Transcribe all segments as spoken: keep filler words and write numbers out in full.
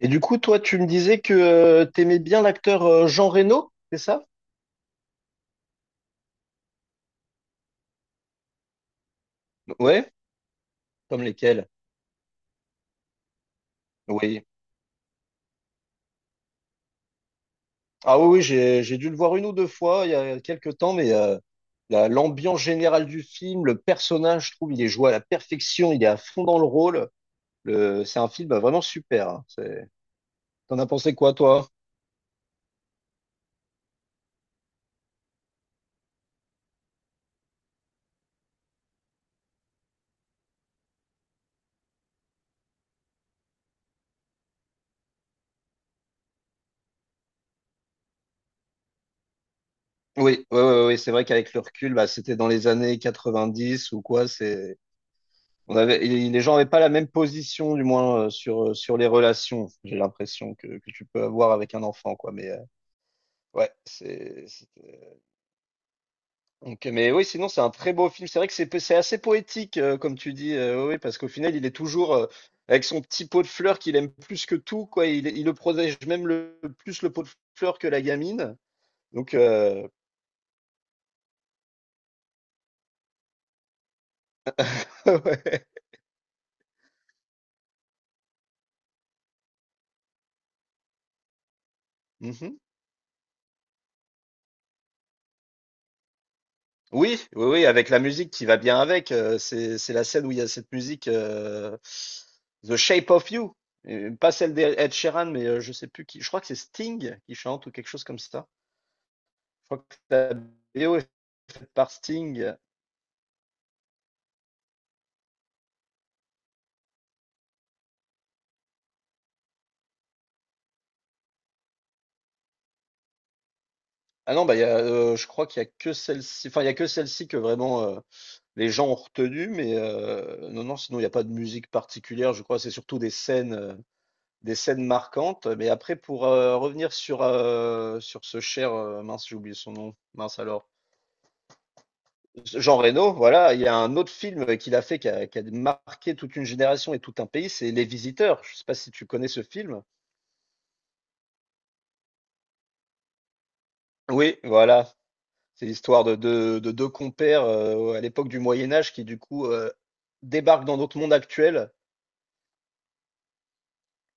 Et du coup, toi, tu me disais que euh, t'aimais bien l'acteur euh, Jean Reno, c'est ça? Ouais, comme lesquels? Oui. Ah oui, oui, j'ai j'ai dû le voir une ou deux fois il y a quelques temps, mais euh, la- l'ambiance générale du film, le personnage, je trouve, il est joué à la perfection, il est à fond dans le rôle. Le, c'est un film vraiment super, hein. C'est- T'en as pensé quoi, toi? Oui, oui, oui, oui, c'est vrai qu'avec le recul, bah, c'était dans les années quatre-vingt-dix ou quoi. C'est On avait, et les gens n'avaient pas la même position, du moins, euh, sur, euh, sur les relations, j'ai l'impression, que, que tu peux avoir avec un enfant, quoi. Mais euh, ouais, c'est. c'était- Donc, mais oui, sinon, c'est un très beau film. C'est vrai que c'est c'est assez poétique, euh, comme tu dis, euh, oui, oui, parce qu'au final, il est toujours euh, avec son petit pot de fleurs qu'il aime plus que tout, quoi. Il, il le protège même le, plus le pot de fleurs que la gamine. Donc, euh, ouais. Mhm. Oui, oui, oui, avec la musique qui va bien avec. euh, c'est, c'est la scène où il y a cette musique euh, The Shape of You. Et pas celle d'Ed Sheeran, mais euh, je sais plus qui. Je crois que c'est Sting qui chante ou quelque chose comme ça. Je crois que la B O est faite par Sting. Ah non, bah, il y a, euh, je crois qu'il y a que celle-ci. Enfin, il y a que celle-ci que vraiment euh, les gens ont retenu, mais euh, non, non, sinon il n'y a pas de musique particulière. Je crois que c'est surtout des scènes. euh, Des scènes marquantes. Mais après pour, heu, revenir sur, heu, sur ce cher, heu, mince, j'ai oublié son nom, mince alors, Jean Reno, voilà, il y a un autre film qu'il a fait qui a qui a marqué toute une génération et tout un pays, c'est Les Visiteurs. Je ne sais pas si tu connais ce film? Oui, voilà, c'est l'histoire de deux de deux compères, heu, à l'époque du Moyen Âge qui du coup, heu, débarquent dans notre monde actuel.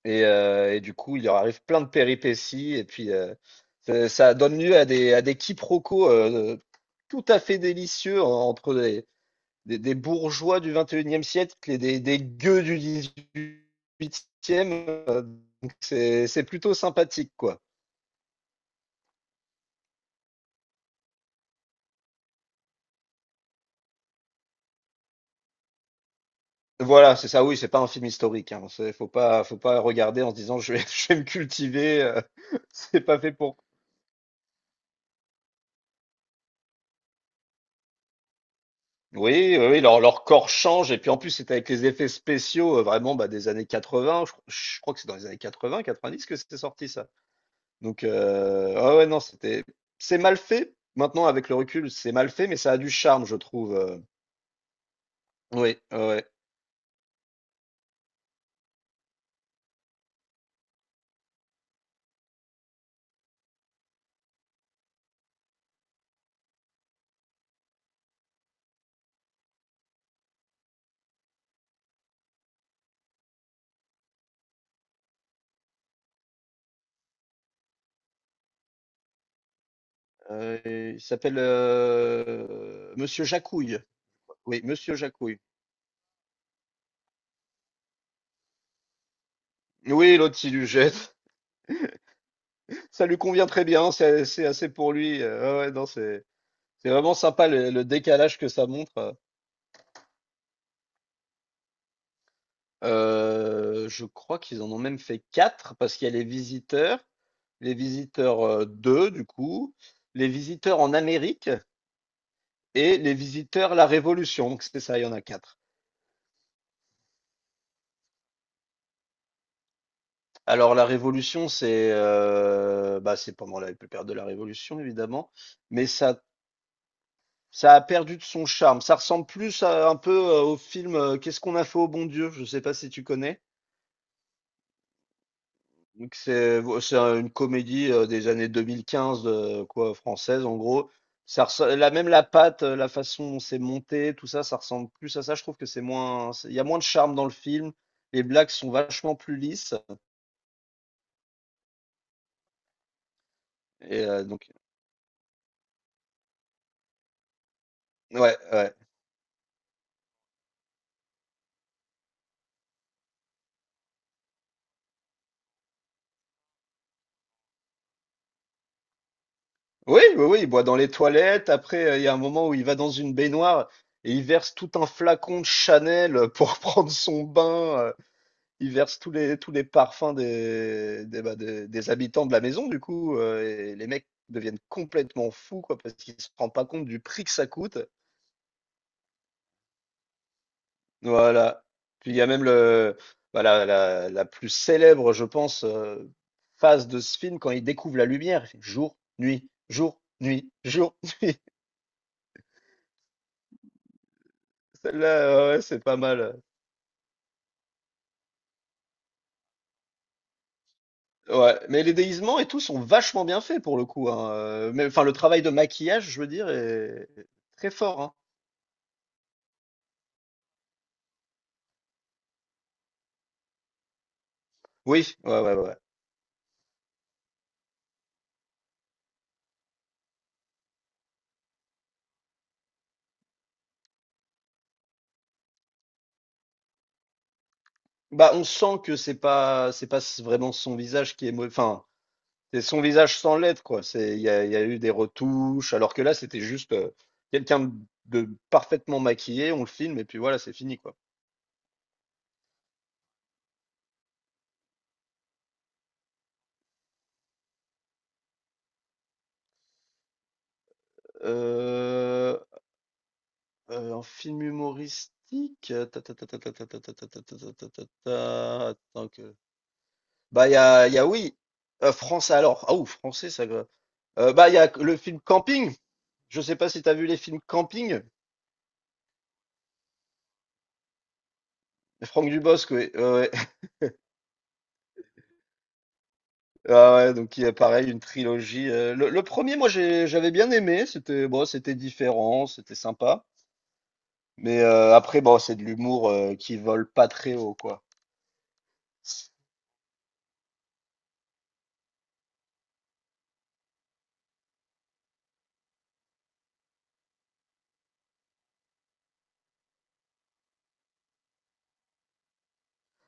Et, euh, et du coup, il leur arrive plein de péripéties. Et puis, euh, ça, ça donne lieu à des, à des quiproquos euh, tout à fait délicieux en- entre des, des, des bourgeois du vingt et unième siècle et des, des gueux du dix-huitième. euh, donc C'est c'est plutôt sympathique, quoi. Voilà, c'est ça. Oui, c'est pas un film historique, hein. C'est- Faut pas, faut pas regarder en se disant je vais, je vais me cultiver. euh, c'est pas fait pour. Oui, oui, oui, leur, leur corps change. Et puis en plus, c'est avec les effets spéciaux euh, vraiment bah, des années quatre-vingt. Je, cro- je crois que c'est dans les années quatre-vingt, quatre-vingt-dix que c'est sorti ça. Donc, euh, ah ouais, non, c'était. C'est mal fait. Maintenant, avec le recul, c'est mal fait, mais ça a du charme, je trouve. euh. Oui, ouais. Euh, il s'appelle euh, Monsieur Jacouille. Oui, Monsieur Jacouille. Oui, l'autre, il lui jette. Ça lui convient très bien. C'est c'est assez pour lui. Euh, ouais, ouais, non, c'est c'est vraiment sympa le, le décalage que ça montre. euh. Heu, je crois qu'ils en ont même fait quatre parce qu'il y a Les Visiteurs, Les Visiteurs, heu, deux du coup, Les Visiteurs en Amérique et Les Visiteurs la Révolution. Donc c'est ça, il y en a quatre. Alors la Révolution, c'est, heu, bah, c'est pendant la période de la Révolution évidemment, mais ça ça a perdu de son charme. Ça ressemble plus à un peu, heu, au film, heu, Qu'est-ce qu'on a fait au bon Dieu? Je sais pas si tu connais? Donc c'est c'est une comédie, heu, des années deux mille quinze, heu, quoi, française en gros. Ça ressem la même la patte, heu, la façon dont c'est monté, tout ça, ça ressemble plus à ça. Je trouve que c'est moins c'est il y a moins de charme dans le film. Les blagues sont vachement plus lisses et heu, donc ouais, ouais. Oui, oui, oui, il boit dans les toilettes. Après, heu, il y a un moment où il va dans une baignoire et il verse tout un flacon de Chanel, euh, pour prendre son bain. euh, Ils versent tous les tous les parfums des des, bah, des des habitants de la maison du coup, heu et les mecs deviennent complètement fous quoi, parce qu'ils se rendent pas compte du prix que ça coûte. Voilà. Puis il y a même le bah, la la la plus célèbre je pense, heu, phase de ce film, quand il découvre la lumière, il fait: «Jour, nuit, jour, nuit, jour, nuit». Celle-là, ouais, ouais, c'est pas mal. Ouais, mais les déguisements et tout sont vachement bien faits pour le coup, hein, heu, mais enfin le travail de maquillage je veux dire est est très fort, hein. Oui, ouais, ouais, ouais. Bah, on sent que c'est pas c'est pas vraiment son visage qui est mau enfin, c'est son visage sans l'être, quoi. C'est il y a, il y a eu des retouches, alors que là, c'était juste euh, quelqu'un de de parfaitement maquillé, on le filme et puis voilà, c'est fini, quoi. Euh, euh, un film humoristique. euh, ta, ta, ta, ta, ta, ta, ta, ta, ta, ta, ta, ta, ta, ta, ta, Attends que. Bah, il y a, il y a oui. euh, français alors. Ah ou français, ça. euh, euh, bah, il y a le film Camping. Je sais pas si tu as vu les films Camping. Franck Dubosc, oui. Ah ouais, donc il y a pareil une trilogie. euh, le, le premier, moi j'ai- j'avais bien aimé, c'était bon, c'était différent, c'était sympa. Mais euh, après, bon, c'est de l'humour euh, qui vole pas très haut, quoi.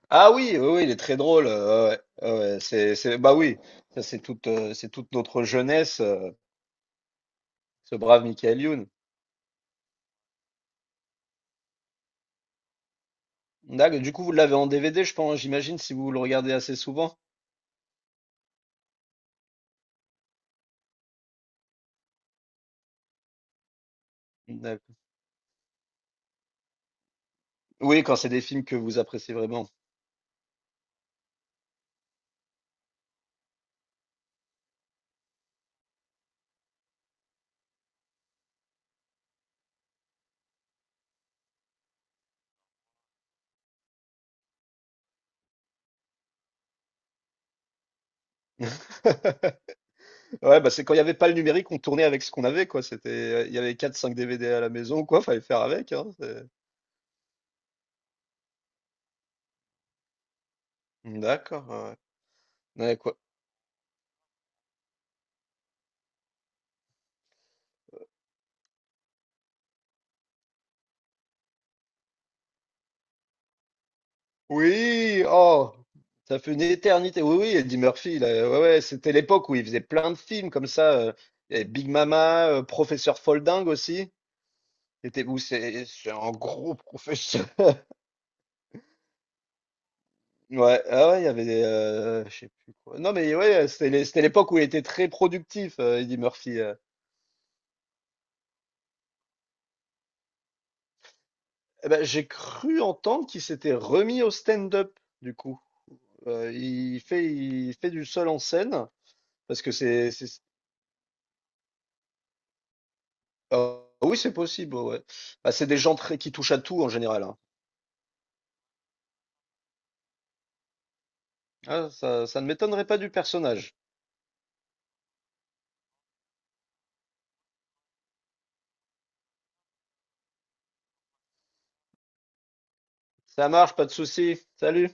Ah oui, oui, oui, il est très drôle. euh, ouais, ah ouais, c'est, c'est, bah oui, ça c'est toute, euh, c'est toute notre jeunesse, euh, ce brave Michael Youn. D'accord, du coup, vous l'avez en D V D, je pense, j'imagine, si vous le regardez assez souvent. D'accord. Oui, quand c'est des films que vous appréciez vraiment. Ouais, bah c'est quand il y avait pas le numérique, on tournait avec ce qu'on avait, quoi. C'était, il y avait quatre cinq D V D à la maison, quoi. Fallait faire avec, hein. c'est- D'accord. Ouais. Ouais, ouais, quoi. Oui, oh, ça fait une éternité. Oui, oui, Eddie Murphy, là. Ouais, ouais, c'était l'époque où il faisait plein de films comme ça. euh, et Big Mama, euh, Professeur Folding aussi. C'était où c'est c'est un gros professeur. Ouais, ah ouais, il y avait des, euh, je sais plus quoi. Non, mais ouais, c'était les- c'était l'époque où il était très productif, euh, Eddie Murphy. euh. Eh ben, j'ai cru entendre qu'il s'était remis au stand-up, du coup. Euh, il fait, il fait du seul en scène, parce que c'est... c'est- Ah oui, c'est possible, ouais, ouais. Bah, c'est des gens très, qui touchent à tout en général, hein. Ah, ça, ça ne m'étonnerait pas du personnage. Ça marche, pas de souci. Salut.